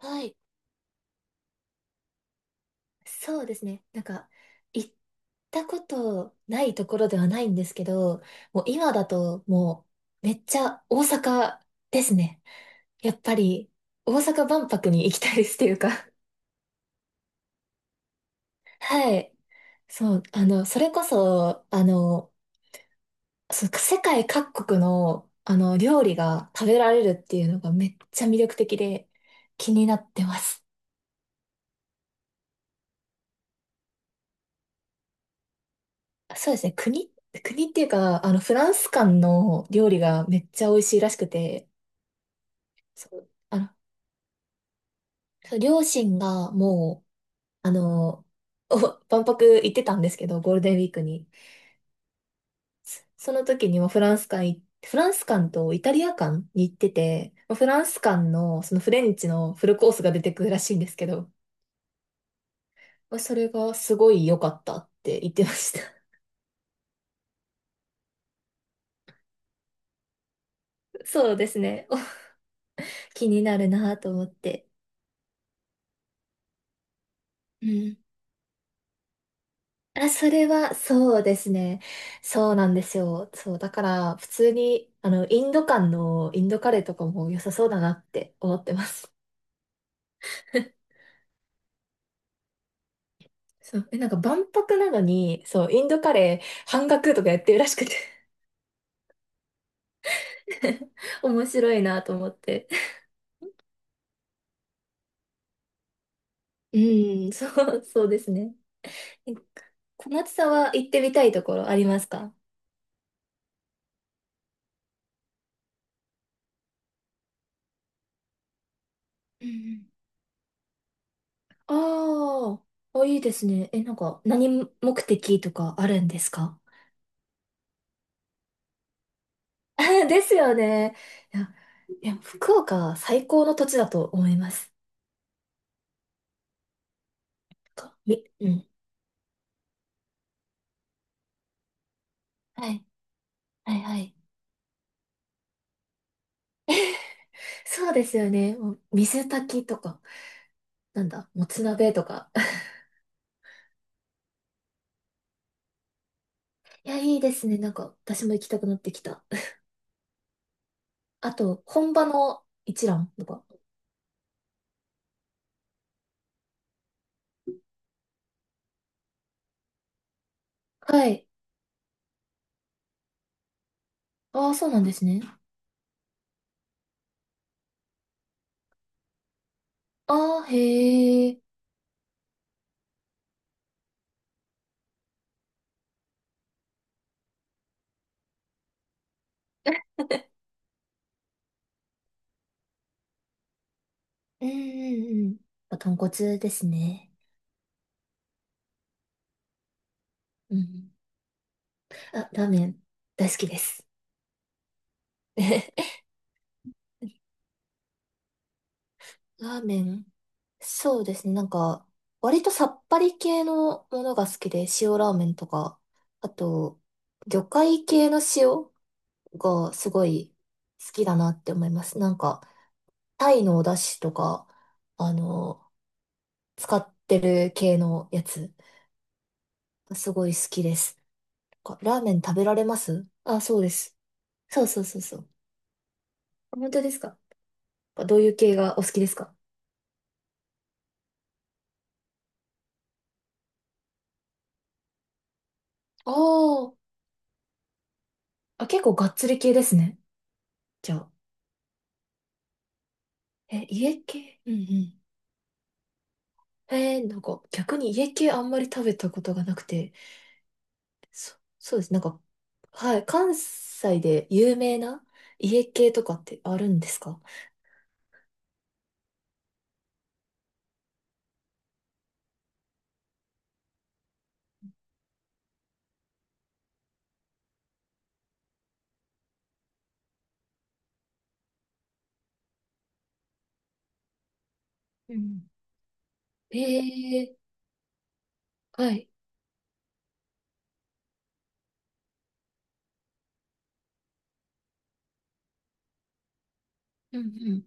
はい。そうですね。行ったことないところではないんですけど、もう今だともうめっちゃ大阪ですね。やっぱり大阪万博に行きたいです、というか、はい。そう、それこそ、世界各国の、料理が食べられるっていうのがめっちゃ魅力的で気になってます。そうですね。国っていうか、フランス館の料理がめっちゃ美味しいらしくて、そう、そう両親がもう、あの、お万博行ってたんですけど、ゴールデンウィークに。その時にはフランス館、フランス館とイタリア館に行ってて、まあフランス館のそのフレンチのフルコースが出てくるらしいんですけど、まあそれがすごい良かったって言ってました。そうですね。気になるなと思って。うん。あ、それは、そうですね。そうなんですよ。そう、だから、普通に、インド間のインドカレーとかも良さそうだなって思ってます。そう、え、なんか万博なのに、そう、インドカレー半額とかやってるらしくて、 面白いなと思って。うん、そうですね。え、小夏さんは行ってみたいところありますか？うんうん。あー、あ、いいですね。え、何目的とかあるんですか？ ですよね。いや、いや、福岡は最高の土地だと思います。うん。はい。はいはい。そうですよね。もう水炊きとか、なんだ、もつ鍋とか。いや、いいですね。私も行きたくなってきた。あと、本場の一蘭とか。はい。ああ、そうなんですね。ああ、へえ。うんうんうん。まあ豚骨ですね。うん。あ、ラーメン、大好きです。ラーメン。そうですね。割とさっぱり系のものが好きで、塩ラーメンとか、あと、魚介系の塩がすごい好きだなって思います。タイのお出汁とか、あの、使ってる系のやつ、すごい好きです。なんかラーメン食べられます？あ、そうです。そうそうそうそう。本当ですか？どういう系がお好きですか？あー、あ、結構がっつり系ですね、じゃあ。え、家系、うんうん。えー、なんか逆に家系あんまり食べたことがなくて、そうです。なんか、はい、関西で有名な家系とかってあるんですか？うん。えー、はい。うん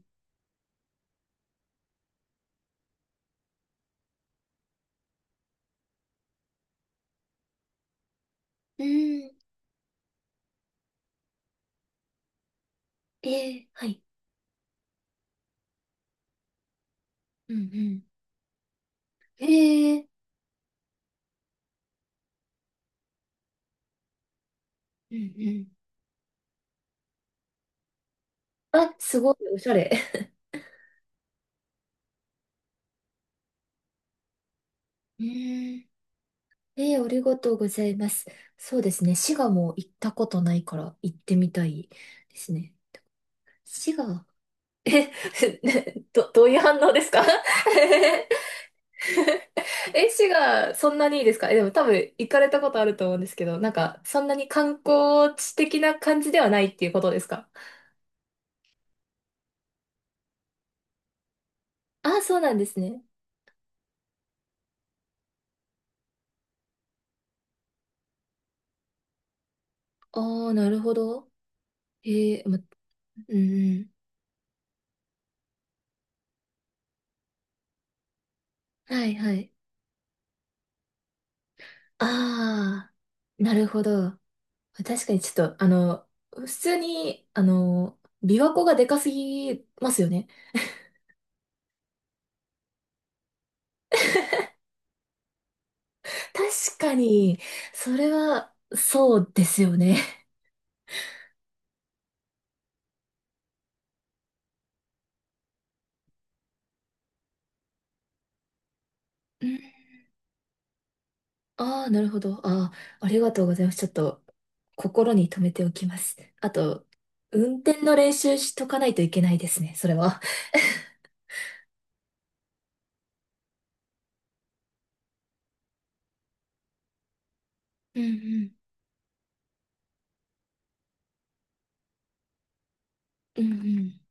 うん。うーん、えー、はい。うんうん。えー、うんうん。あ、すごい、おしゃれ。うーん。えー、ありがとうございます。そうですね。滋賀も行ったことないから行ってみたいですね。滋賀、え、どういう反応ですか？ 絵師がそんなにいいですか？え、でも多分行かれたことあると思うんですけど、なんかそんなに観光地的な感じではないっていうことですか？ああ、そうなんですね。ああ、なるほど。へえ、ま、うんうん。はいはい。ああ、なるほど。確かにちょっと、普通に、琵琶湖がでかすぎますよね。確かに、それは、そうですよね。うん。ああ、なるほど。ああ、ありがとうございます。ちょっと心に留めておきます。あと、運転の練習しとかないといけないですね、それは。うんうんうんうん。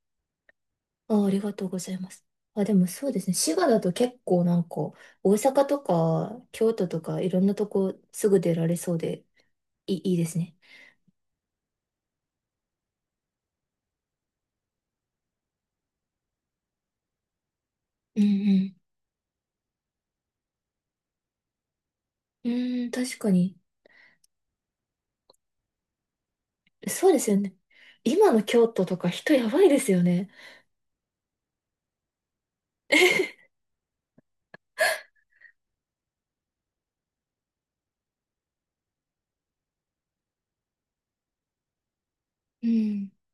ああ、ありがとうございます。あ、でもそうですね。滋賀だと結構なんか、大阪とか京都とかいろんなとこすぐ出られそうで、いいですね。うんうん。うん、確かに。そうですよね。今の京都とか人やばいですよね。うん。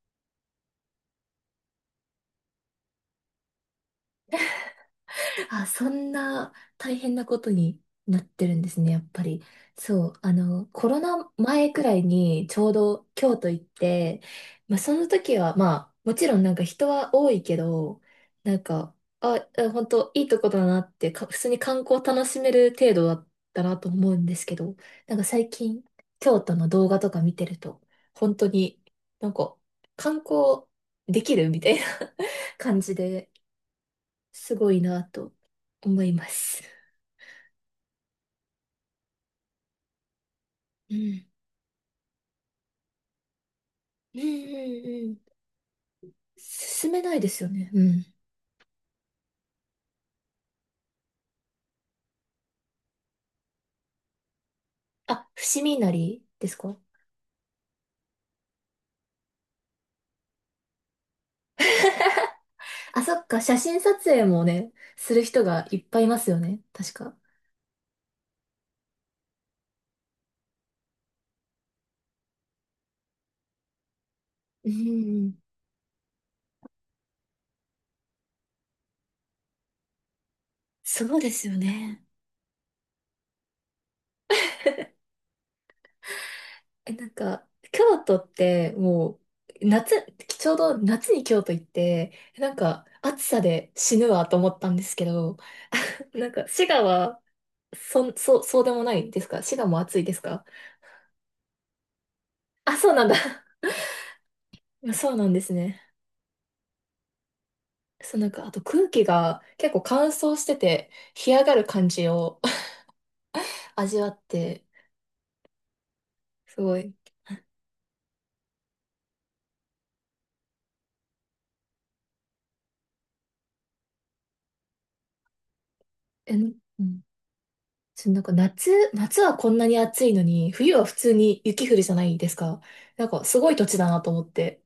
あ、そんな大変なことになってるんですね、やっぱり。そう、コロナ前くらいにちょうど京都行って、まあ、その時は、まあ、もちろんなんか人は多いけど、なんか、あ、本当いいとこだなってか、普通に観光楽しめる程度だったなと思うんですけど、なんか最近、京都の動画とか見てると、本当になんか、観光できるみたいな 感じで、すごいなと思います。うん。うんうんうん。進めないですよね。うん。あ、伏見稲荷ですか？ あ、そっか、写真撮影もね、する人がいっぱいいますよね、確か。うんうん。そうですよね。え、なんか、京都ってもう、夏、ちょうど夏に京都行って、なんか、暑さで死ぬわと思ったんですけど、なんか、滋賀は、そうでもないですか？滋賀も暑いですか？あ、そうなんだ。そうなんですね。そう、なんか、あと空気が結構乾燥してて、干上がる感じを 味わって、すごい。え、うん。そうなんか夏はこんなに暑いのに、冬は普通に雪降るじゃないですか。なんか、すごい土地だなと思って。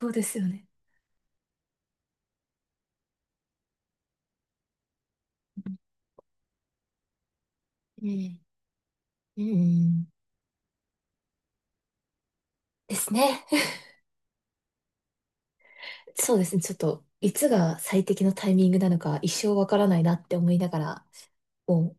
そうですよね。うん。うん。ですね。そうですね。ちょっと、いつが最適のタイミングなのか、一生わからないなって思いながら、もう